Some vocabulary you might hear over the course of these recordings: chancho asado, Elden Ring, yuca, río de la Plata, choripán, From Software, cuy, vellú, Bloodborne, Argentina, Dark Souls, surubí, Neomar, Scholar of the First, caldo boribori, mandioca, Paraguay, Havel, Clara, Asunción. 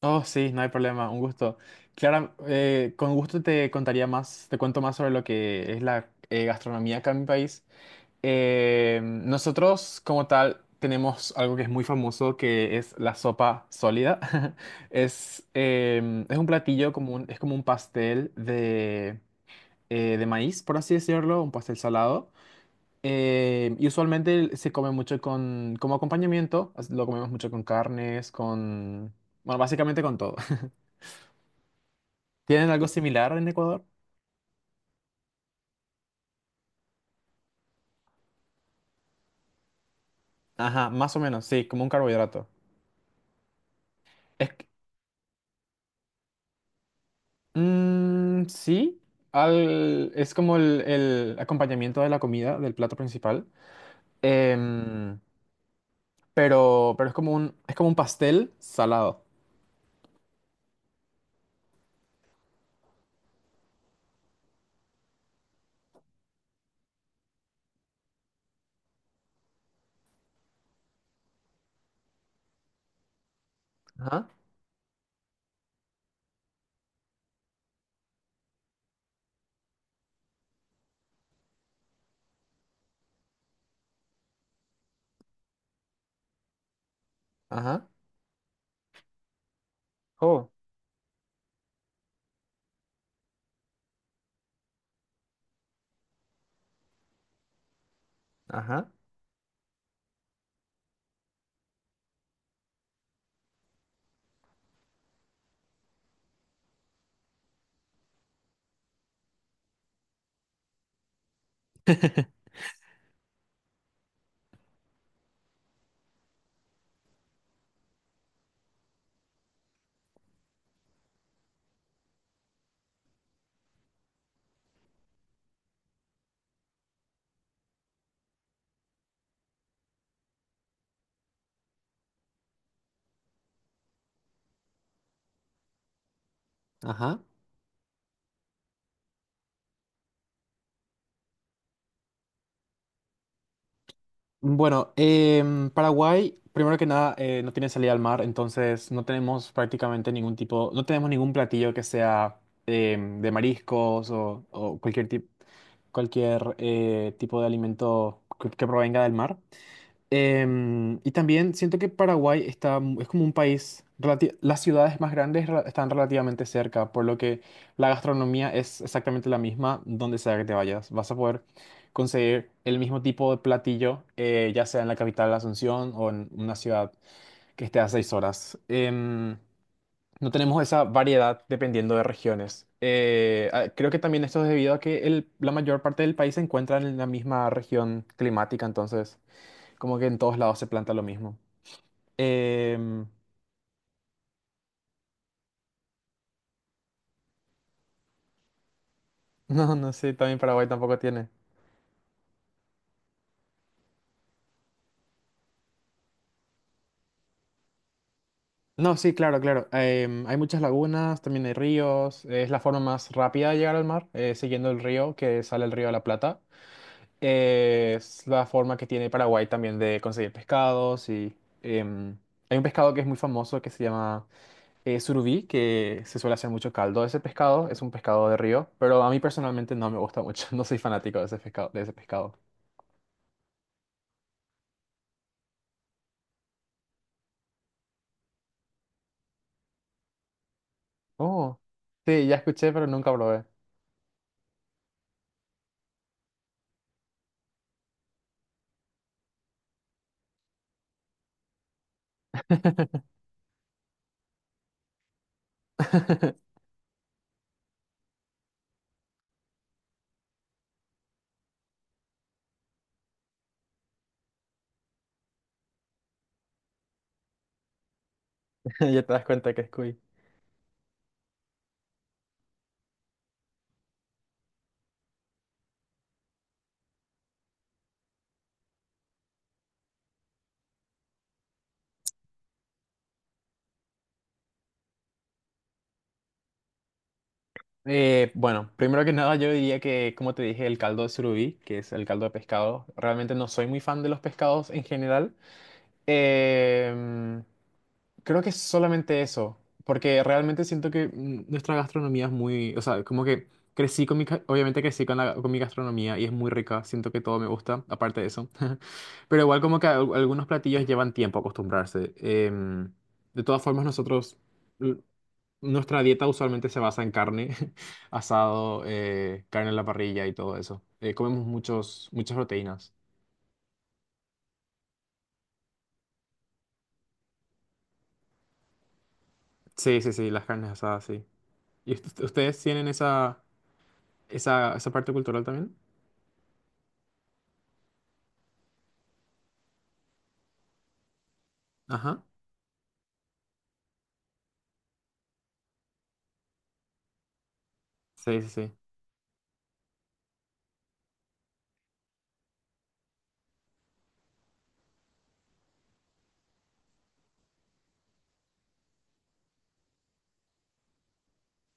Oh, sí, no hay problema, un gusto. Clara, con gusto te contaría más, te cuento más sobre lo que es la gastronomía acá en mi país. Nosotros, como tal, tenemos algo que es muy famoso, que es la sopa sólida. Es un platillo como un, es como un pastel de maíz, por así decirlo, un pastel salado. Y usualmente se come mucho con, como acompañamiento, lo comemos mucho con carnes, con... Bueno, básicamente con todo. ¿Tienen algo similar en Ecuador? Ajá, más o menos, sí, como un carbohidrato. Es que- mm, sí, es como el acompañamiento de la comida, del plato principal. Em, pero es como un pastel salado. Ajá, ajá, oh, ajá. Ajá. Bueno, Paraguay, primero que nada, no tiene salida al mar, entonces no tenemos prácticamente ningún tipo, no tenemos ningún platillo que sea de mariscos o cualquier tipo. Cualquier tipo de alimento que provenga del mar. Y también siento que Paraguay está, es como un país, las ciudades más grandes están relativamente cerca, por lo que la gastronomía es exactamente la misma donde sea que te vayas. Vas a poder conseguir el mismo tipo de platillo, ya sea en la capital Asunción o en una ciudad que esté a 6 horas. No tenemos esa variedad dependiendo de regiones. Creo que también esto es debido a que la mayor parte del país se encuentra en la misma región climática, entonces como que en todos lados se planta lo mismo. Em. No, no sé, también Paraguay tampoco tiene. No, sí, claro, claro. Hay muchas lagunas, también hay ríos. Es la forma más rápida de llegar al mar, siguiendo el río que sale el río de la Plata. Es la forma que tiene Paraguay también de conseguir pescados y... em, hay un pescado que es muy famoso que se llama surubí, que se suele hacer mucho caldo de ese pescado, es un pescado de río, pero a mí personalmente no me gusta mucho, no soy fanático de ese pescado, de ese pescado. Oh, sí, ya escuché, pero nunca probé. Ya te das cuenta que es cuy. Bueno, primero que nada yo diría que, como te dije, el caldo de surubí, que es el caldo de pescado, realmente no soy muy fan de los pescados en general. Em, Creo que es solamente eso, porque realmente siento que mm, nuestra gastronomía es muy, o sea, como que crecí con mi, obviamente crecí con la, con mi gastronomía y es muy rica, siento que todo me gusta, aparte de eso, pero igual como que algunos platillos llevan tiempo acostumbrarse. De todas formas, nosotros, l- nuestra dieta usualmente se basa en carne, asado, carne en la parrilla y todo eso. Comemos muchas proteínas. Sí, sí, sí, las carnes asadas, sí. ¿Y ustedes tienen esa, esa, esa parte cultural también? Ajá. Sí, sí, sí.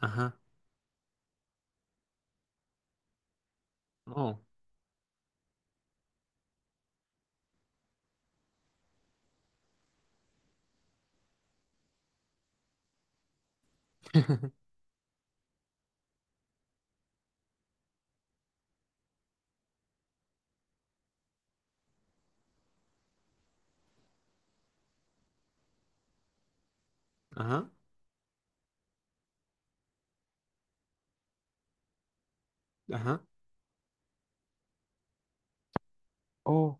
Ajá. Oh. Ajá. Ajá. Oh,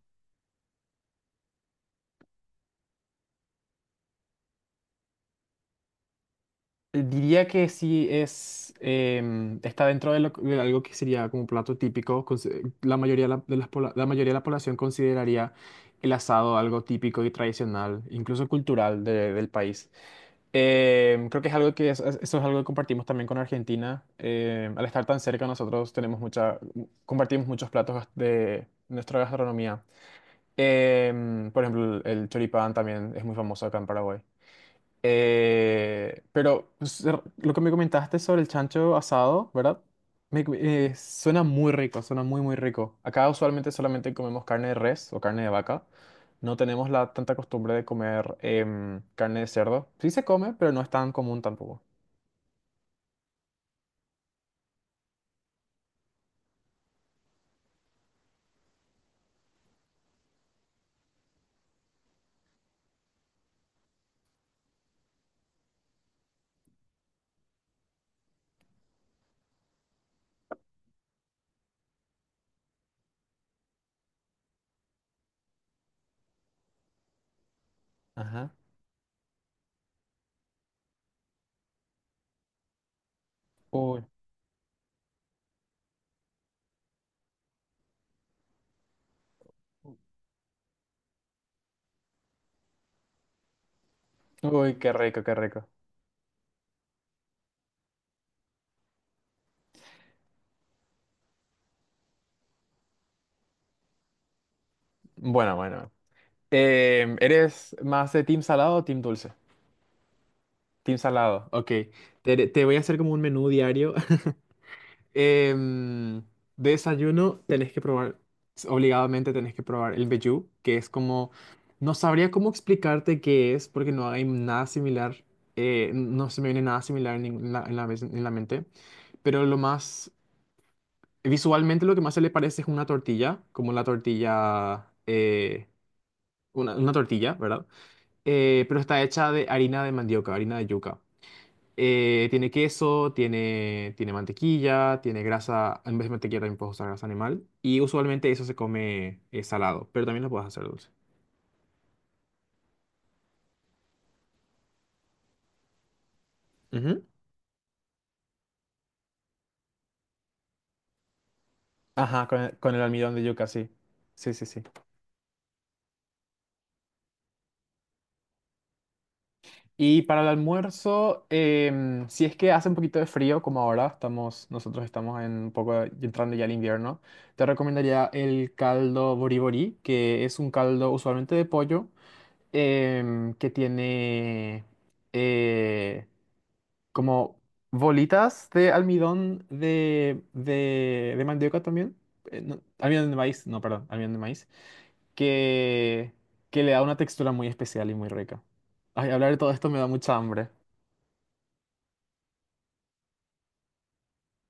diría que sí es, está dentro de, de algo que sería como plato típico. La mayoría de la, de las la mayoría de la población consideraría el asado algo típico y tradicional, incluso cultural del país. Creo que es algo que eso es algo que compartimos también con Argentina. Al estar tan cerca, nosotros tenemos mucha, compartimos muchos platos de nuestra gastronomía. Por ejemplo, el choripán también es muy famoso acá en Paraguay. Pero pues, lo que me comentaste sobre el chancho asado, ¿verdad? Suena muy rico, suena muy, muy rico. Acá usualmente solamente comemos carne de res o carne de vaca. No tenemos la tanta costumbre de comer carne de cerdo. Sí se come, pero no es tan común tampoco. Ajá. Uy, uy, qué rico, qué rico. Bueno, bueno. ¿Eres más de team salado o team dulce? Team salado, ok. Te voy a hacer como un menú diario. Em, de desayuno tenés que probar, obligadamente tenés que probar el vellú, que es como, no sabría cómo explicarte qué es, porque no hay nada similar, no se me viene nada similar en, en la, en la en la mente, pero lo más, visualmente lo que más se le parece es una tortilla, como la tortilla, una tortilla, ¿verdad? Pero está hecha de harina de mandioca, harina de yuca. Tiene queso, tiene, tiene mantequilla, tiene grasa. En vez de mantequilla también puedes usar grasa animal. Y usualmente eso se come salado, pero también lo puedes hacer dulce. Ujú. Ajá, con el almidón de yuca, sí. Sí, sí, sí. Y para el almuerzo, si es que hace un poquito de frío, como ahora, estamos, nosotros estamos en un poco entrando ya al invierno, te recomendaría el caldo boribori, que es un caldo usualmente de pollo, que tiene, eh, como bolitas de almidón de, de mandioca también. No, almidón de maíz, no, perdón, almidón de maíz. Que, que le da una textura muy especial y muy rica. Ay, hablar de todo esto me da mucha hambre.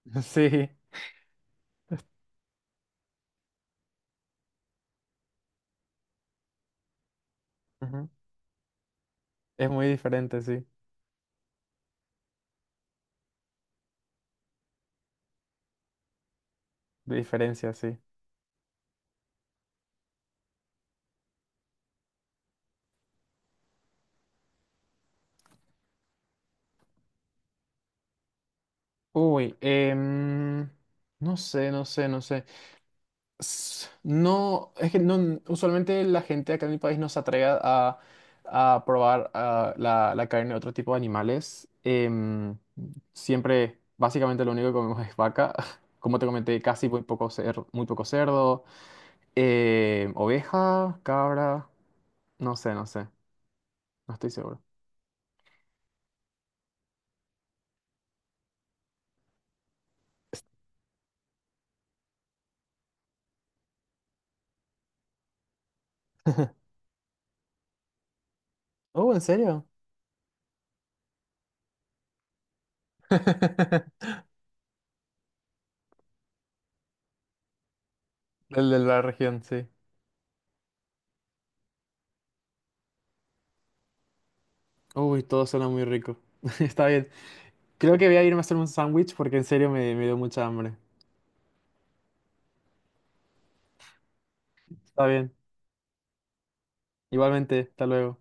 Sí. Ujú. Es muy diferente, sí. De diferencia, sí. Uy, no sé, no sé, no sé. No, es que no, usualmente la gente acá en mi país no se atreve a probar ah, la carne de otro tipo de animales. Siempre, básicamente lo único que comemos es vaca. Como te comenté, casi muy poco cerdo, muy poco cerdo. Oveja, cabra, no sé, no sé, no estoy seguro. Oh, ¿en serio? El de la región, sí. Uy, todo suena muy rico. Está bien. Creo que voy a irme a hacer un sándwich porque en serio me, me dio mucha hambre. Está bien. Igualmente, hasta luego.